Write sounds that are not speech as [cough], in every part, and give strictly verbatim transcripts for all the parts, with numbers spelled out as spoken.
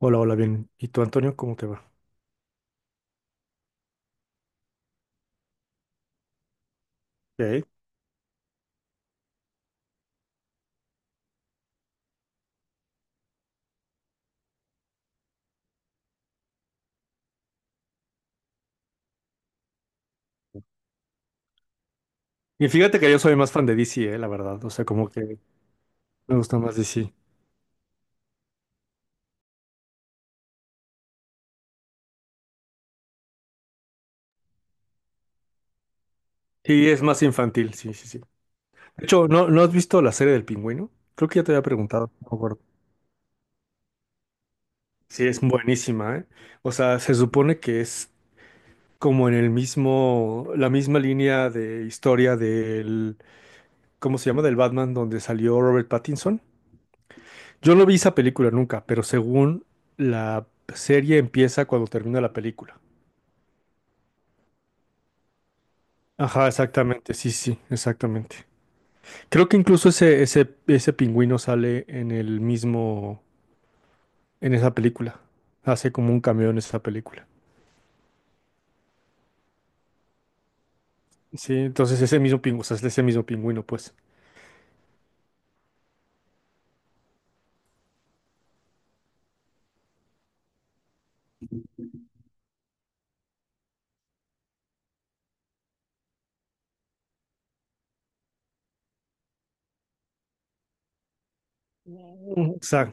Hola, hola, bien. ¿Y tú, Antonio, cómo te va? Ok. Y fíjate que yo soy más fan de D C, eh, la verdad. O sea, como que me gusta más D C. Sí es más infantil, sí, sí, sí. De hecho, ¿no, no has visto la serie del Pingüino? Creo que ya te había preguntado. No me acuerdo. Sí, es buenísima, ¿eh? O sea, se supone que es como en el mismo, la misma línea de historia del, ¿cómo se llama? Del Batman donde salió Robert Pattinson. Yo no vi esa película nunca, pero según la serie empieza cuando termina la película. Ajá, exactamente, sí, sí, exactamente. Creo que incluso ese, ese, ese pingüino sale en el mismo, en esa película. Hace como un cameo en esa película. Sí, entonces ese mismo pingüino, o sea, es ese mismo pingüino, pues. Mm. O sea,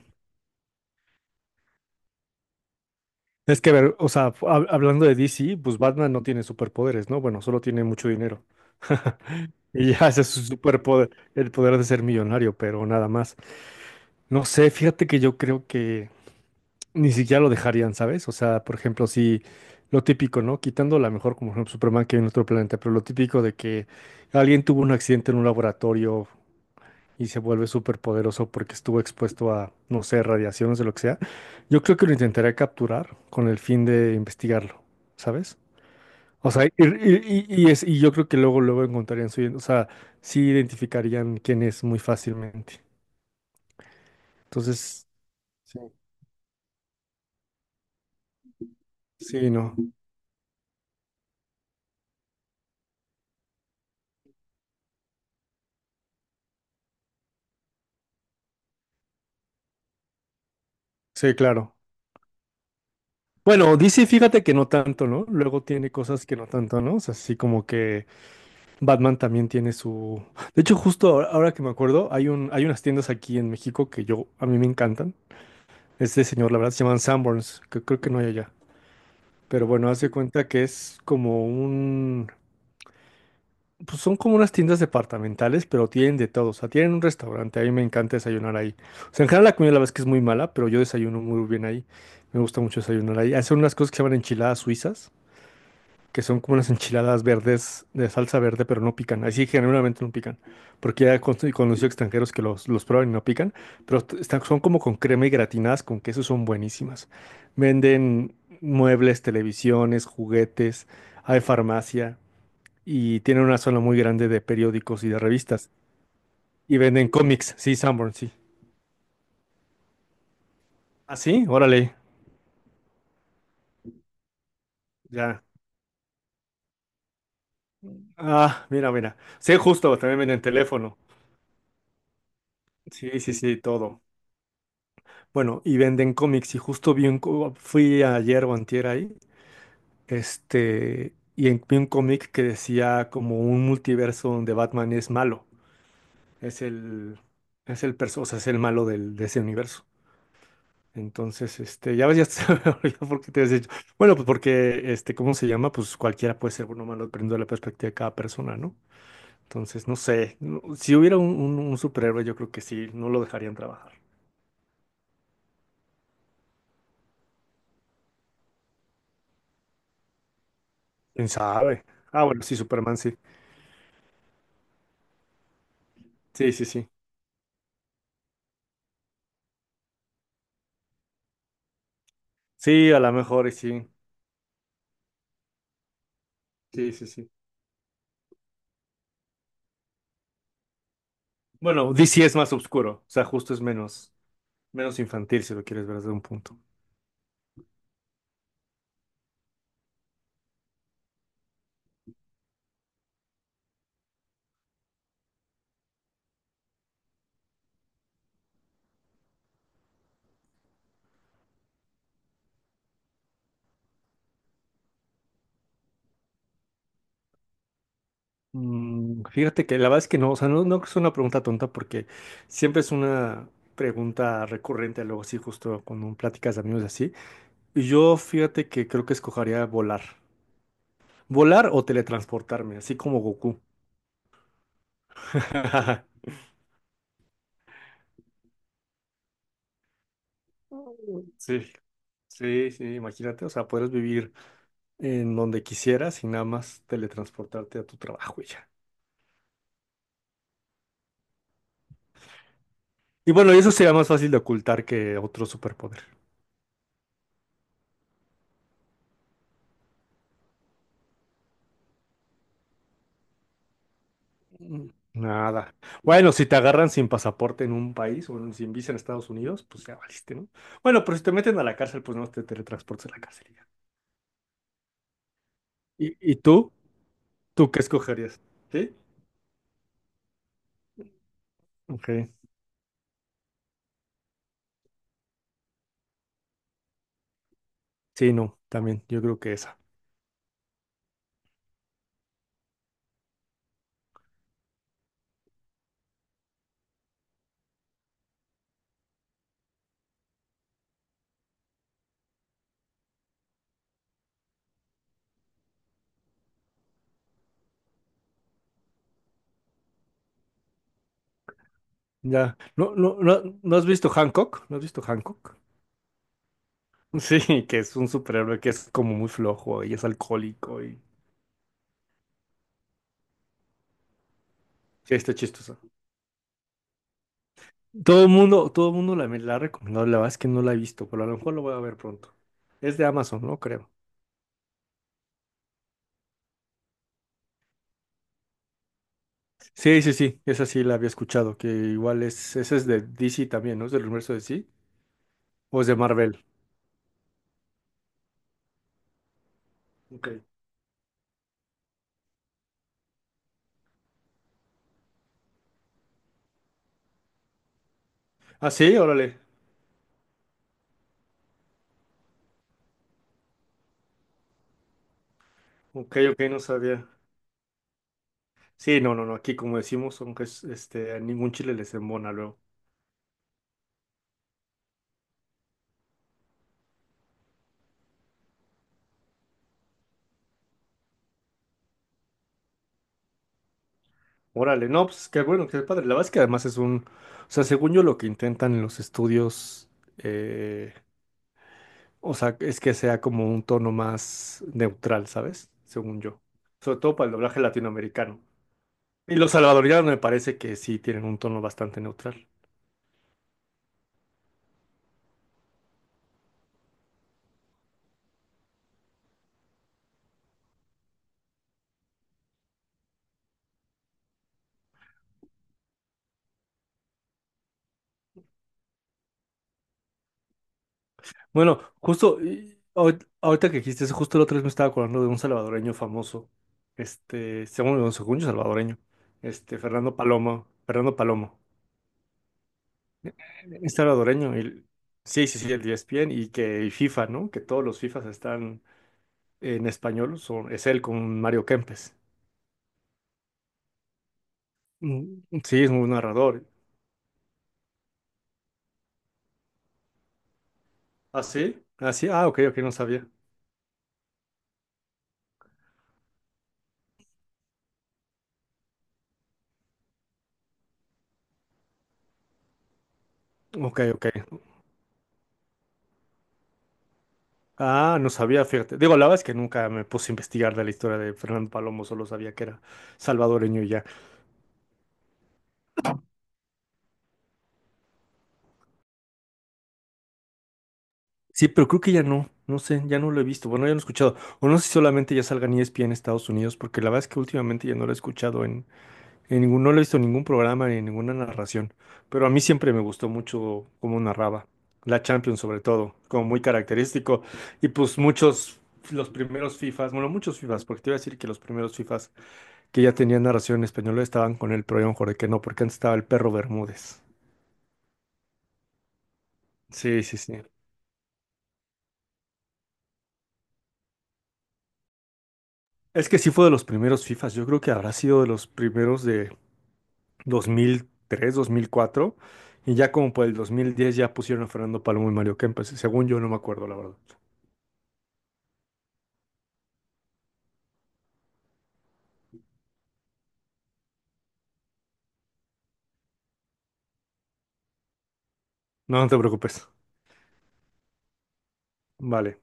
es que, a ver, o sea, hab- hablando de D C, pues Batman no tiene superpoderes, ¿no? Bueno, solo tiene mucho dinero. [laughs] Y ya ese es su superpoder, el poder de ser millonario, pero nada más. No sé, fíjate que yo creo que ni siquiera lo dejarían, ¿sabes? O sea, por ejemplo, si lo típico, ¿no? Quitando la mejor como por ejemplo, Superman que hay en otro planeta, pero lo típico de que alguien tuvo un accidente en un laboratorio y se vuelve súper poderoso porque estuvo expuesto a, no sé, radiaciones o lo que sea, yo creo que lo intentaría capturar con el fin de investigarlo, ¿sabes? O sea, y, y- y- y es, y yo creo que luego, luego encontrarían su, o sea, sí identificarían quién es muy fácilmente. Entonces, sí, sí, no. Sí, claro. Bueno, D C, fíjate que no tanto, ¿no? Luego tiene cosas que no tanto, ¿no? O sea, así como que Batman también tiene su... De hecho, justo ahora, ahora que me acuerdo, hay un, hay unas tiendas aquí en México que yo, a mí me encantan. Este señor, la verdad, se llaman Sanborns, que creo que no hay allá. Pero bueno, hace cuenta que es como un... Pues son como unas tiendas departamentales, pero tienen de todo. O sea, tienen un restaurante, a mí me encanta desayunar ahí. O sea, en general la comida la verdad es que es muy mala, pero yo desayuno muy bien ahí. Me gusta mucho desayunar ahí. Hacen unas cosas que se llaman enchiladas suizas que son como unas enchiladas verdes de salsa verde, pero no pican. Así generalmente no pican, porque ya he conocido extranjeros que los, los prueban y no pican, pero t- están, son como con crema y gratinadas con queso, son buenísimas. Venden muebles, televisiones, juguetes, hay farmacia y tienen una zona muy grande de periódicos y de revistas. Y venden cómics, sí, Sanborn, sí. ¿Ah, sí? Órale, ya. Ah, mira, mira. Sí, justo, también venden teléfono. Sí, sí, sí, todo. Bueno, y venden cómics. Y justo vi un, co- fui ayer o antier ahí, este, y en- vi un cómic que decía como un multiverso donde Batman es malo. Es el, es el perso, o sea, es el malo del, de ese universo. Entonces, este, ya ves, ya se me [laughs] olvidó por qué te has dicho. Bueno, pues porque, este, ¿cómo se llama? Pues cualquiera puede ser bueno o malo, dependiendo de la perspectiva de cada persona, ¿no? Entonces, no sé. no- Si hubiera un, un un superhéroe, yo creo que sí, no lo dejarían trabajar. ¿Quién sabe? Ah, bueno, sí, Superman, sí. Sí, sí, sí. Sí, a lo mejor y sí. Sí, sí, sí. Bueno, D C es más oscuro, o sea, justo es menos, menos, infantil si lo quieres ver desde un punto. Mm, Fíjate que la verdad es que no, o sea, no, no es una pregunta tonta porque siempre es una pregunta recurrente, luego sí, justo cuando platicas de amigos y así. Y yo fíjate que creo que escogería volar. Volar o teletransportarme, así como Goku. [laughs] Sí, sí, sí, imagínate, o sea, puedes vivir en donde quisieras y nada más teletransportarte a tu trabajo y ya. Y bueno, y eso sería más fácil de ocultar que otro superpoder. Mm. Nada. Bueno, si te agarran sin pasaporte en un país o en- sin visa en Estados Unidos, pues ya valiste, ¿no? Bueno, pero si te meten a la cárcel, pues no te teletransportas a la cárcel y ya. ¿Y, y tú? ¿Tú qué escogerías? ¿Sí? Ok. Sí, no, también, yo creo que esa. Ya. ¿No, no, no, no has visto Hancock? ¿No has visto Hancock? [laughs] Sí, que es un superhéroe que es como muy flojo y es alcohólico y sí, está chistoso. Todo el mundo, todo el mundo la, me la ha recomendado, la verdad es que no la he visto, pero a lo mejor lo voy a ver pronto. Es de Amazon, ¿no? Creo. Sí, sí, sí, esa sí la había escuchado, que igual es, esa es de D C también, ¿no? ¿Es del universo de D C? ¿O es de Marvel? Ok. Ah, sí, órale. Ok, ok, no sabía. Sí, no, no, no, aquí como decimos, aunque es, este, a ningún chile les embona luego. Órale, no, pues qué bueno, qué padre. La verdad es que además es un, o sea, según yo lo que intentan en los estudios, eh, o sea, es que sea como un tono más neutral, ¿sabes? Según yo. Sobre todo para el doblaje latinoamericano. Y los salvadoreños me parece que sí tienen un tono bastante neutral. Bueno, justo, y ahor- ahorita que dijiste eso, justo el otro día me estaba acordando de un salvadoreño famoso, este, según, según yo salvadoreño, este, Fernando Palomo, Fernando Palomo. Es salvadoreño. El- sí, sí, sí, el E S P N y que y FIFA, ¿no? Que todos los FIFAs están en español. Son, es él con Mario Kempes. Mm, sí, es un narrador. ¿Ah, sí? Ah, sí. Ah, ok, ok, no sabía. Ok, ok. Ah, no sabía, fíjate. Digo, la verdad es que nunca me puse a investigar de la historia de Fernando Palomo, solo sabía que era salvadoreño y ya. Sí, pero creo que ya no, no sé, ya no lo he visto. Bueno, ya no he escuchado. O no sé si solamente ya salga en E S P N en Estados Unidos, porque la verdad es que últimamente ya no lo he escuchado en. En ningún, no lo he visto en ningún programa ni en ninguna narración, pero a mí siempre me gustó mucho cómo narraba, la Champions sobre todo, como muy característico. Y pues muchos, los primeros FIFAs, bueno, muchos FIFAs, porque te iba a decir que los primeros FIFAs que ya tenían narración en español estaban con él, pero yo me juré que no, porque antes estaba el perro Bermúdez. Sí, sí, sí. Es que sí fue de los primeros FIFAs, yo creo que habrá sido de los primeros de dos dos mil tres, dos mil cuatro, y ya como por el dos mil diez ya pusieron a Fernando Palomo y Mario Kempes, según yo no me acuerdo, la verdad. No, no te preocupes. Vale,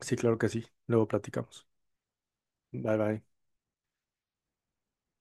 sí, claro que sí. Luego platicamos. Bye bye.